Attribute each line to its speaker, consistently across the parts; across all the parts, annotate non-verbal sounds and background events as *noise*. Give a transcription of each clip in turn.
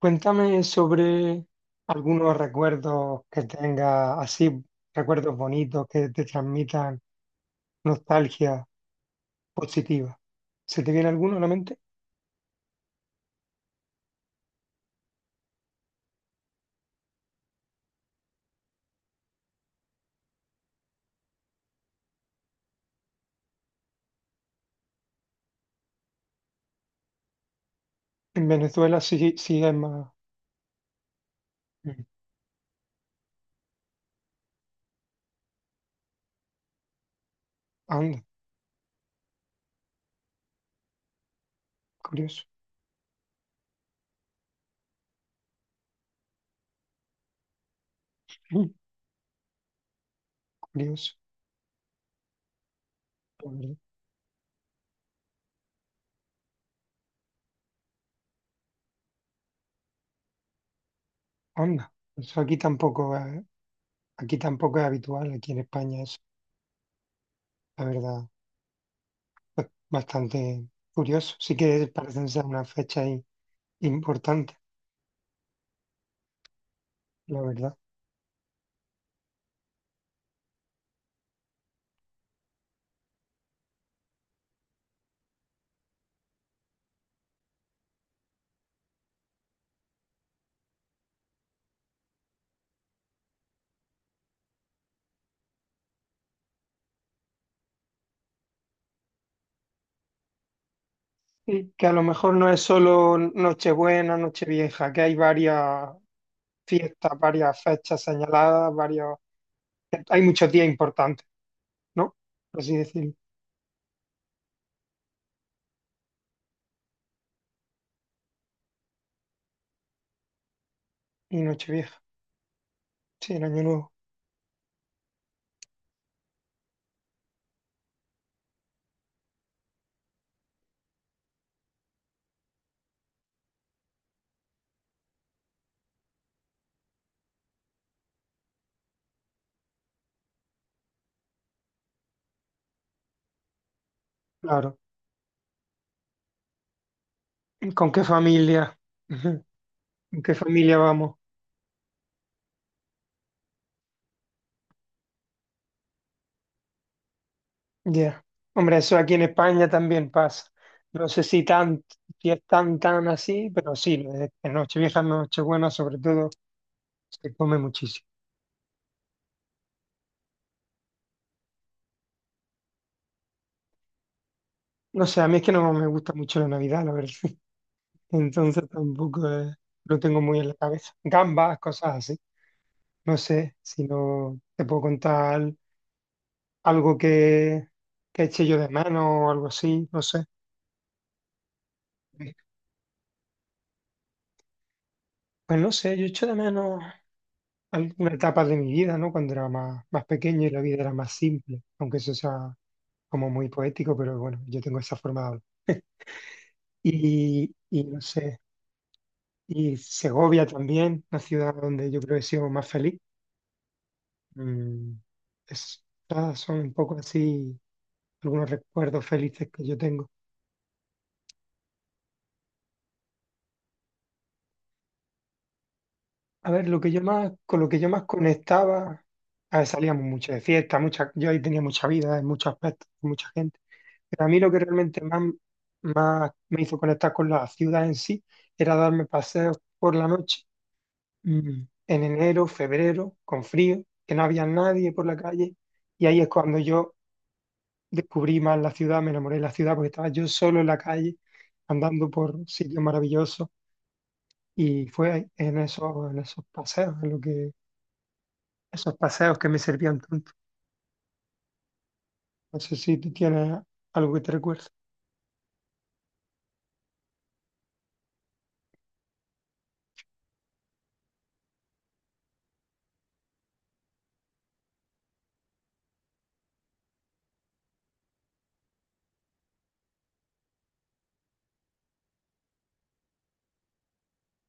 Speaker 1: Cuéntame sobre algunos recuerdos que tengas, así, recuerdos bonitos que te transmitan nostalgia positiva. ¿Se te viene alguno a la mente? En Venezuela sí, sí es más. mm, Anda, curioso. mm, Curioso. La verdad. Anda. Eso aquí tampoco es habitual, aquí en España es, la verdad, pues, bastante curioso. Sí que parecen ser una fecha importante, la verdad. Sí, que a lo mejor no es solo Nochebuena, Nochevieja, que hay varias fiestas, varias fechas señaladas, varios, hay muchos días importantes, ¿no? Por así decirlo. Y Nochevieja, sí, el Año Nuevo, claro. ¿Con qué familia? *laughs* Ujú. ¿Con qué familia vamos? Ya. Hombre, eso aquí en España también pasa. No sé si tan, si es tan, tan así, pero sí, en Nochevieja, Nochebuena, sobre todo, se come muchísimo. No sé, a mí es que no me gusta mucho la Navidad, la verdad. Entonces tampoco lo tengo muy en la cabeza. Gambas, cosas así. No sé si no te puedo contar algo que eche yo de menos o algo así, no sé. Eh, Pues no sé, yo echo de menos alguna etapa de mi vida, ¿no? Cuando era más, más pequeño y la vida era más simple, aunque eso sea como muy poético, pero bueno, yo tengo esa forma de hablar. Y no sé, y Segovia también, una ciudad donde yo creo que he sido más feliz. Mm, todas son un poco así algunos recuerdos felices que yo tengo. A ver, lo que yo más, con lo que yo más conectaba, a ver, salíamos mucho de fiesta, mucha, yo ahí tenía mucha vida en muchos aspectos, con mucha gente, pero a mí lo que realmente más, más me hizo conectar con la ciudad en sí era darme paseos por la noche, mm, en enero, febrero, con frío, que no había nadie por la calle, y ahí es cuando yo descubrí más la ciudad, me enamoré de la ciudad porque estaba yo solo en la calle, andando por sitios maravillosos. Y fue ahí, en esos paseos, en lo que, esos paseos que me servían tanto. No sé si tú tienes algo que te recuerde.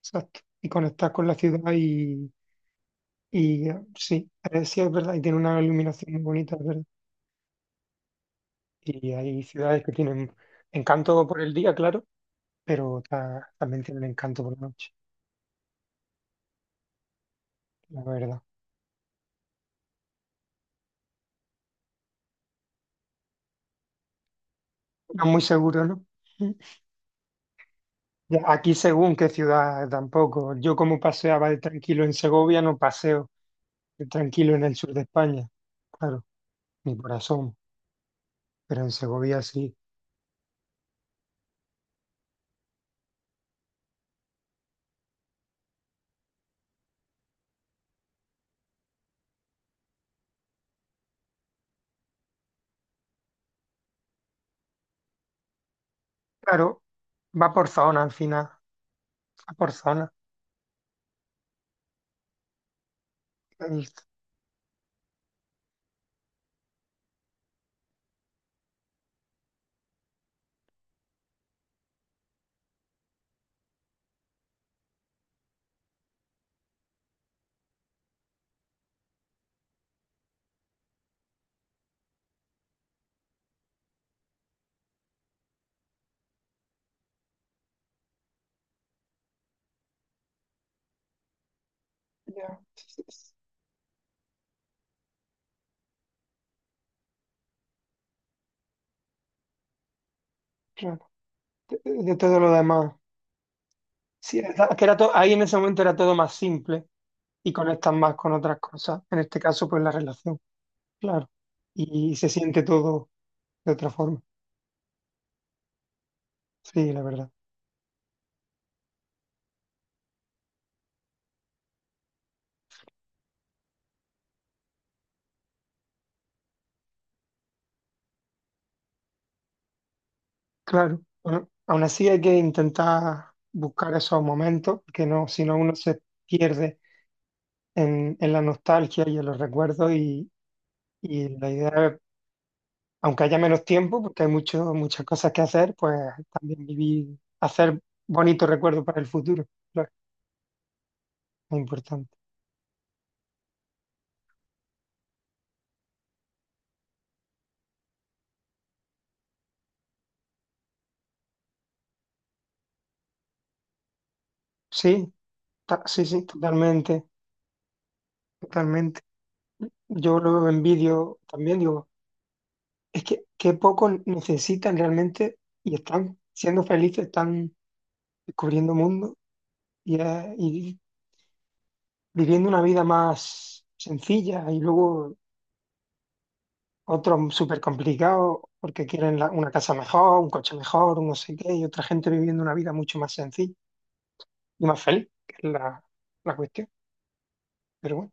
Speaker 1: Exacto. Y conectar con la ciudad y, y sí es verdad, y tiene una iluminación muy bonita, es verdad. Y hay ciudades que tienen encanto por el día, claro, pero también tienen encanto por la noche, la verdad. No muy seguro, ¿no? *laughs* Ya, aquí según qué ciudad tampoco. Yo como paseaba de tranquilo en Segovia, no paseo de tranquilo en el sur de España. Claro. Mi corazón, pero en Segovia sí. Claro, va por zona al final, va por zona, la lista. Ya, claro. De todo lo demás. Sí, es verdad que era ahí en ese momento era todo más simple y conectas más con otras cosas. En este caso, pues la relación, claro. Y, se siente todo de otra forma. Sí, la verdad. Claro. Bueno, aún así hay que intentar buscar esos momentos, que no, si no uno se pierde en la nostalgia y en los recuerdos y la idea aunque haya menos tiempo, porque hay mucho, muchas cosas que hacer, pues también vivir, hacer bonitos recuerdos para el futuro, claro, es importante. Sí, sí, sí, totalmente, totalmente. Yo lo envidio también, digo, es que qué poco necesitan realmente y están siendo felices, están descubriendo mundo y viviendo una vida más sencilla y luego otros súper complicados porque quieren una casa mejor, un coche mejor, un no sé qué, y otra gente viviendo una vida mucho más sencilla y más feliz, que es la, la cuestión. Pero bueno,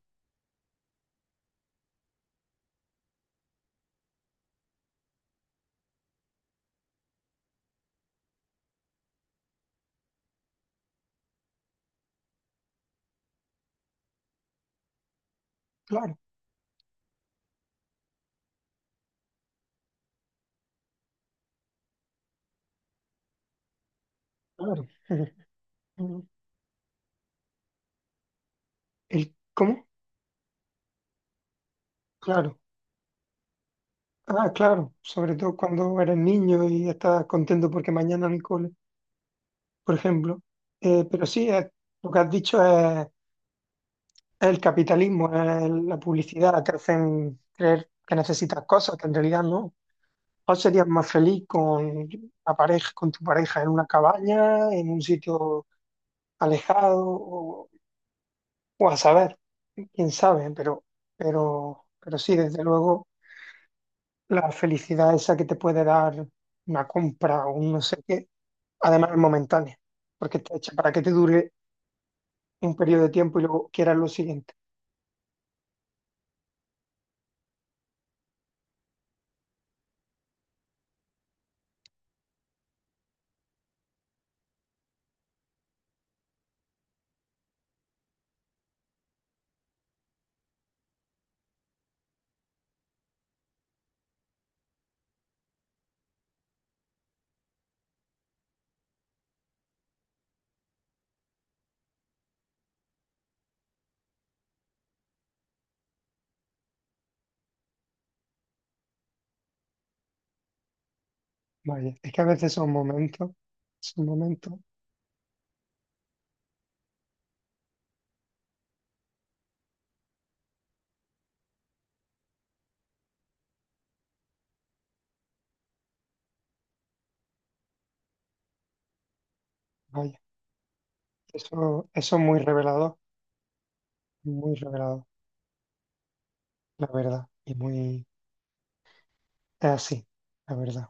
Speaker 1: claro, claro. *laughs* ¿El cómo? Claro. Ah, claro. Sobre todo cuando eres niño y estás contento porque mañana no hay cole, por ejemplo. Pero sí, es- lo que has dicho es el capitalismo, es la publicidad, te hacen creer que necesitas cosas que en realidad no. ¿Cuál serías más feliz con la pareja, con tu pareja en una cabaña, en un sitio alejado o a saber? Quién sabe, pero sí, desde luego, la felicidad esa que te puede dar una compra o un no sé qué, además es momentánea, porque está hecha para que te dure un periodo de tiempo y luego quieras lo siguiente. Vaya, es que a veces son momentos, vaya, eso es muy revelador, la verdad, y muy es así, la verdad.